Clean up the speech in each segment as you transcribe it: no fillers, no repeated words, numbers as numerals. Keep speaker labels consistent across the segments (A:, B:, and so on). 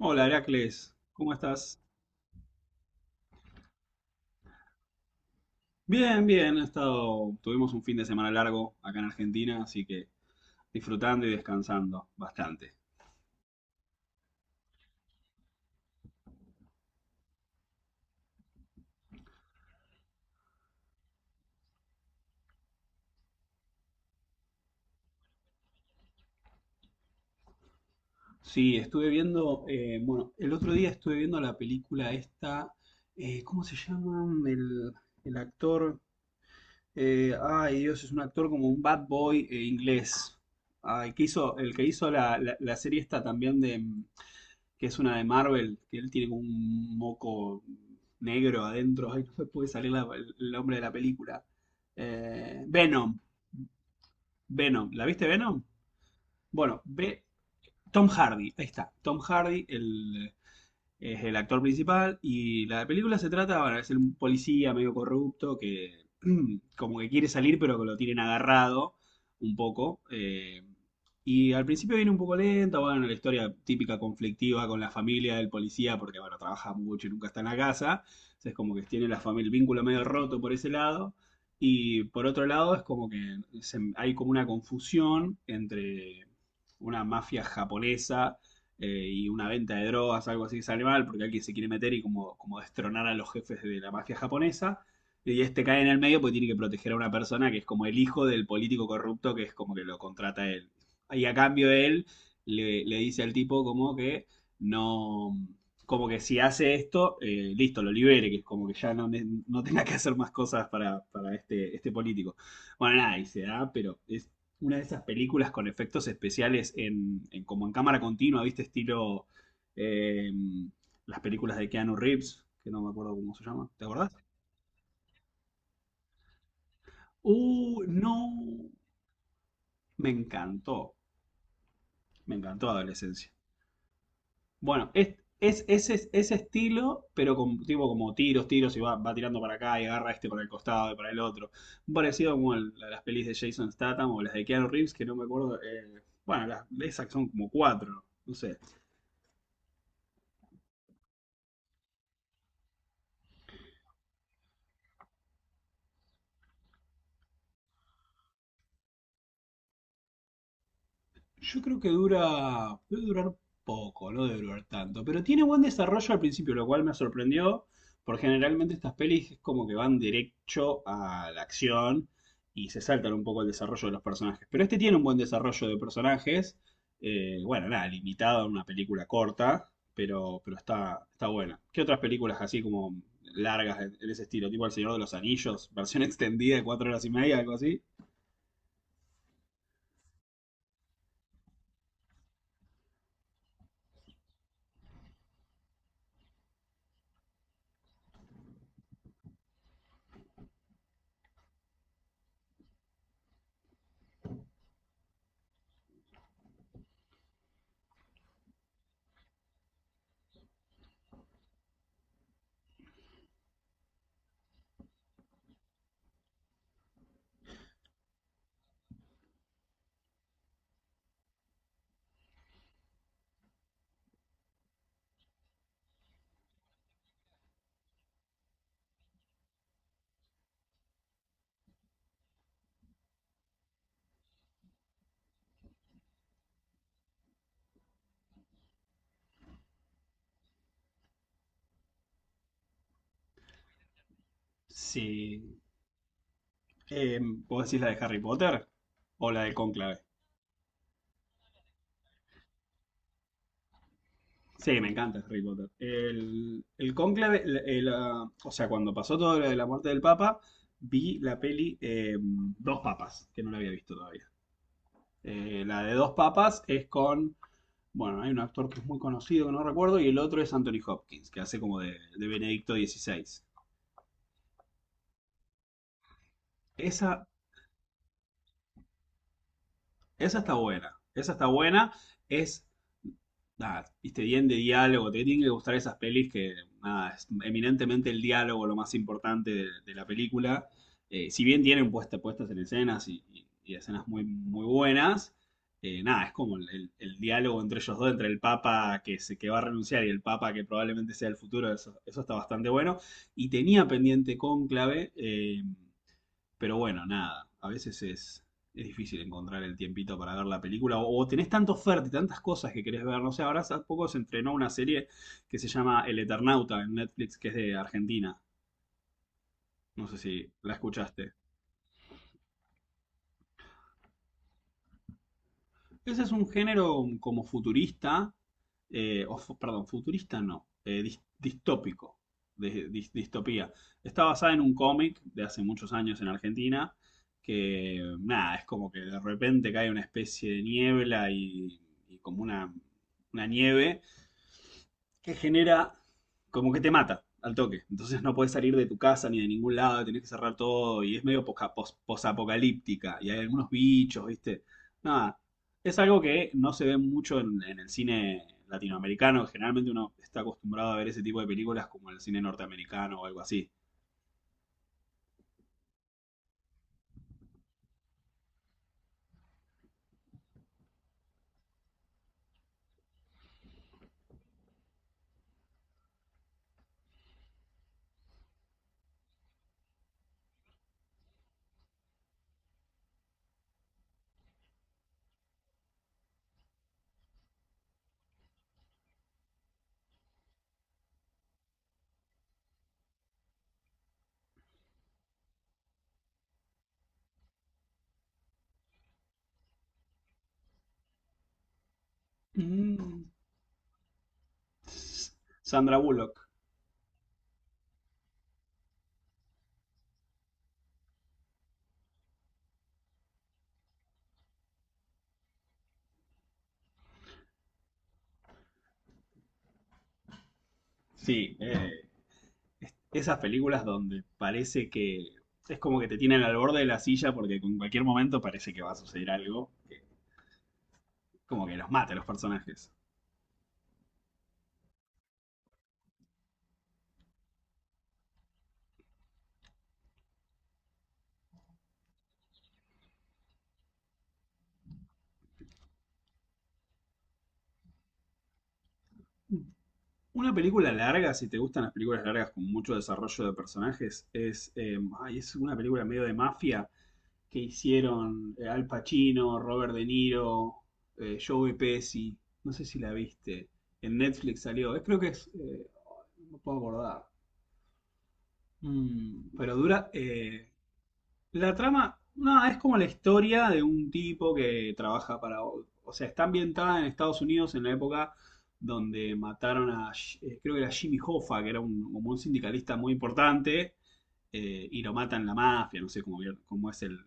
A: Hola, Heracles, ¿cómo estás? Bien, bien, he estado, tuvimos un fin de semana largo acá en Argentina, así que disfrutando y descansando bastante. Sí, estuve viendo, bueno, el otro día estuve viendo la película esta. ¿Cómo se llama? El actor, ay, Dios, es un actor como un bad boy, inglés, ay, que hizo, el que hizo la serie esta también, de, que es una de Marvel, que él tiene como un moco negro adentro. Ay, no me puede salir el nombre de la película. Venom. Venom. ¿La viste Venom? Bueno, ve Tom Hardy. Ahí está. Tom Hardy, el, es el actor principal y la película se trata, bueno, es un policía medio corrupto que como que quiere salir, pero que lo tienen agarrado un poco. Y al principio viene un poco lenta, bueno, la historia típica conflictiva con la familia del policía porque, bueno, trabaja mucho y nunca está en la casa. Entonces, como que tiene la familia, el vínculo medio roto por ese lado. Y por otro lado es como que hay como una confusión entre una mafia japonesa y una venta de drogas, algo así, que sale mal, porque alguien se quiere meter y como, como destronar a los jefes de la mafia japonesa. Y este cae en el medio porque tiene que proteger a una persona que es como el hijo del político corrupto, que es como que lo contrata él. Y a cambio él le dice al tipo como que no, como que si hace esto, listo, lo libere, que es como que ya no, no tenga que hacer más cosas para este, este político. Bueno, nada, y se da, pero es una de esas películas con efectos especiales en, como en cámara continua, ¿viste? Estilo eh, las películas de Keanu Reeves, que no me acuerdo cómo se llama, ¿te acordás? No, me encantó, me encantó Adolescencia. Bueno, ese estilo, pero con tipo como tiros, tiros, y va, va tirando para acá y agarra este para el costado y para el otro. Parecido como a las pelis de Jason Statham o las de Keanu Reeves, que no me acuerdo. Bueno, las, esas son como cuatro, no sé. Yo creo que dura, debe durar poco, no debe durar tanto, pero tiene buen desarrollo al principio, lo cual me sorprendió, porque generalmente estas pelis es como que van derecho a la acción y se saltan un poco el desarrollo de los personajes. Pero este tiene un buen desarrollo de personajes. Bueno, nada, limitado a una película corta, pero está, está buena. ¿Qué otras películas así como largas en ese estilo? Tipo El Señor de los Anillos, versión extendida de 4 horas y media, algo así. Sí. Eh, ¿Vos decís la de Harry Potter o la de Cónclave? Sí, me encanta Harry Potter. El Cónclave, ah, o sea, cuando pasó todo lo de la muerte del Papa, vi la peli, Dos Papas, que no la había visto todavía. La de Dos Papas es con, bueno, hay un actor que es muy conocido, que no recuerdo, y el otro es Anthony Hopkins, que hace como de Benedicto XVI. Esa, esa está buena, es nada, viste, bien de diálogo. Te tienen que gustar esas pelis que, nada, es eminentemente el diálogo lo más importante de la película. Si bien tienen puesta, puestas en escenas y, y escenas muy, muy buenas, nada, es como el, el diálogo entre ellos dos, entre el Papa que, se, que va a renunciar y el Papa que probablemente sea el futuro, eso está bastante bueno. Y tenía pendiente Cónclave. Pero bueno, nada, a veces es difícil encontrar el tiempito para ver la película o tenés tanta oferta y tantas cosas que querés ver. No sé, ahora hace poco se entrenó una serie que se llama El Eternauta, en Netflix, que es de Argentina. No sé si la escuchaste. Ese es un género como futurista, o perdón, futurista no, distópico, de, distopía. Está basada en un cómic de hace muchos años en Argentina, que nada, es como que de repente cae una especie de niebla y como una nieve que genera como que te mata al toque. Entonces no puedes salir de tu casa ni de ningún lado, tenés que cerrar todo y es medio posapocalíptica y hay algunos bichos, ¿viste? Nada, es algo que no se ve mucho en el cine latinoamericano. Generalmente uno está acostumbrado a ver ese tipo de películas como el cine norteamericano o algo así. Mm. Sandra Bullock. Sí, esas películas donde parece que es como que te tienen al borde de la silla porque en cualquier momento parece que va a suceder algo, como que los mate a los personajes. Una película larga, si te gustan las películas largas con mucho desarrollo de personajes, es, ay, es una película medio de mafia que hicieron, Al Pacino, Robert De Niro, Joey Pesci. No sé si la viste. En Netflix salió. Creo que es. No puedo acordar. Mm, pero dura, la trama, no, es como la historia de un tipo que trabaja para, o sea, está ambientada en Estados Unidos en la época donde mataron a, creo que era Jimmy Hoffa, que era un, como un sindicalista muy importante. Y lo matan la mafia, no sé cómo, cómo es el,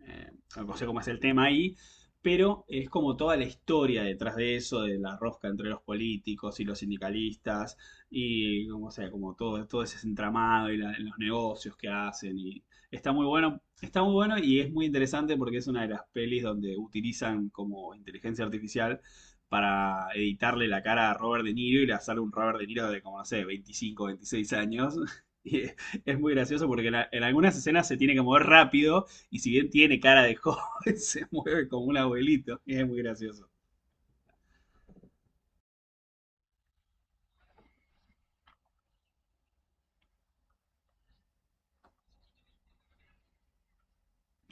A: eh, no sé cómo es el tema ahí, pero es como toda la historia detrás de eso, de la rosca entre los políticos y los sindicalistas, y como, sea, como todo, todo ese entramado y los negocios que hacen. Y está muy bueno y es muy interesante porque es una de las pelis donde utilizan como inteligencia artificial para editarle la cara a Robert De Niro y le sale un Robert De Niro de como, no sé, 25, 26 años. Y es muy gracioso porque en, en algunas escenas se tiene que mover rápido y si bien tiene cara de joven, se mueve como un abuelito. Y es muy gracioso.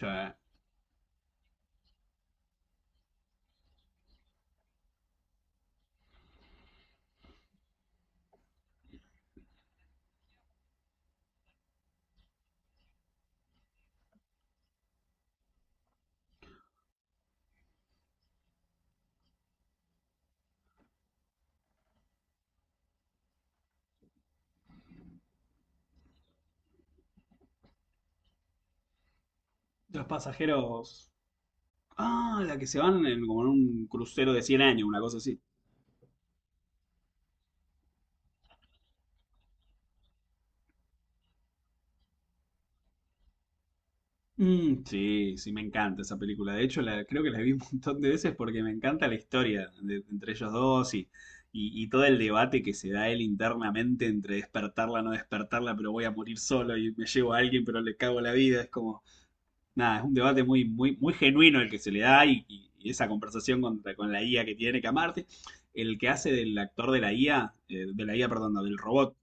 A: O Los Pasajeros. Ah, la que se van en, como en un crucero de 100 años, una cosa así. Mm, sí, sí, me encanta esa película. De hecho, la, creo que la vi un montón de veces porque me encanta la historia entre ellos dos y todo el debate que se da él internamente entre despertarla, no despertarla, pero voy a morir solo y me llevo a alguien, pero le cago la vida. Es como, nada, es un debate muy, muy, muy genuino el que se le da y, y esa conversación con la IA que tiene que amarte. El que hace del actor de la IA, perdón, no, del robot,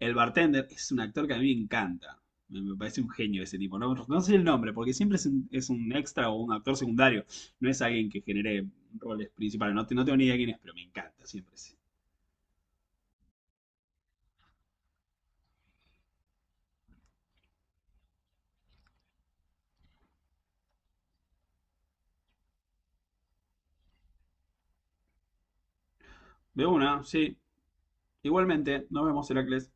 A: el bartender, es un actor que a mí me encanta. Me parece un genio ese tipo. No, no sé el nombre, porque siempre es un extra o un actor secundario. No es alguien que genere roles principales. No, no tengo ni idea quién es, pero me encanta siempre. Sí. De una, sí. Igualmente, nos vemos, Heracles.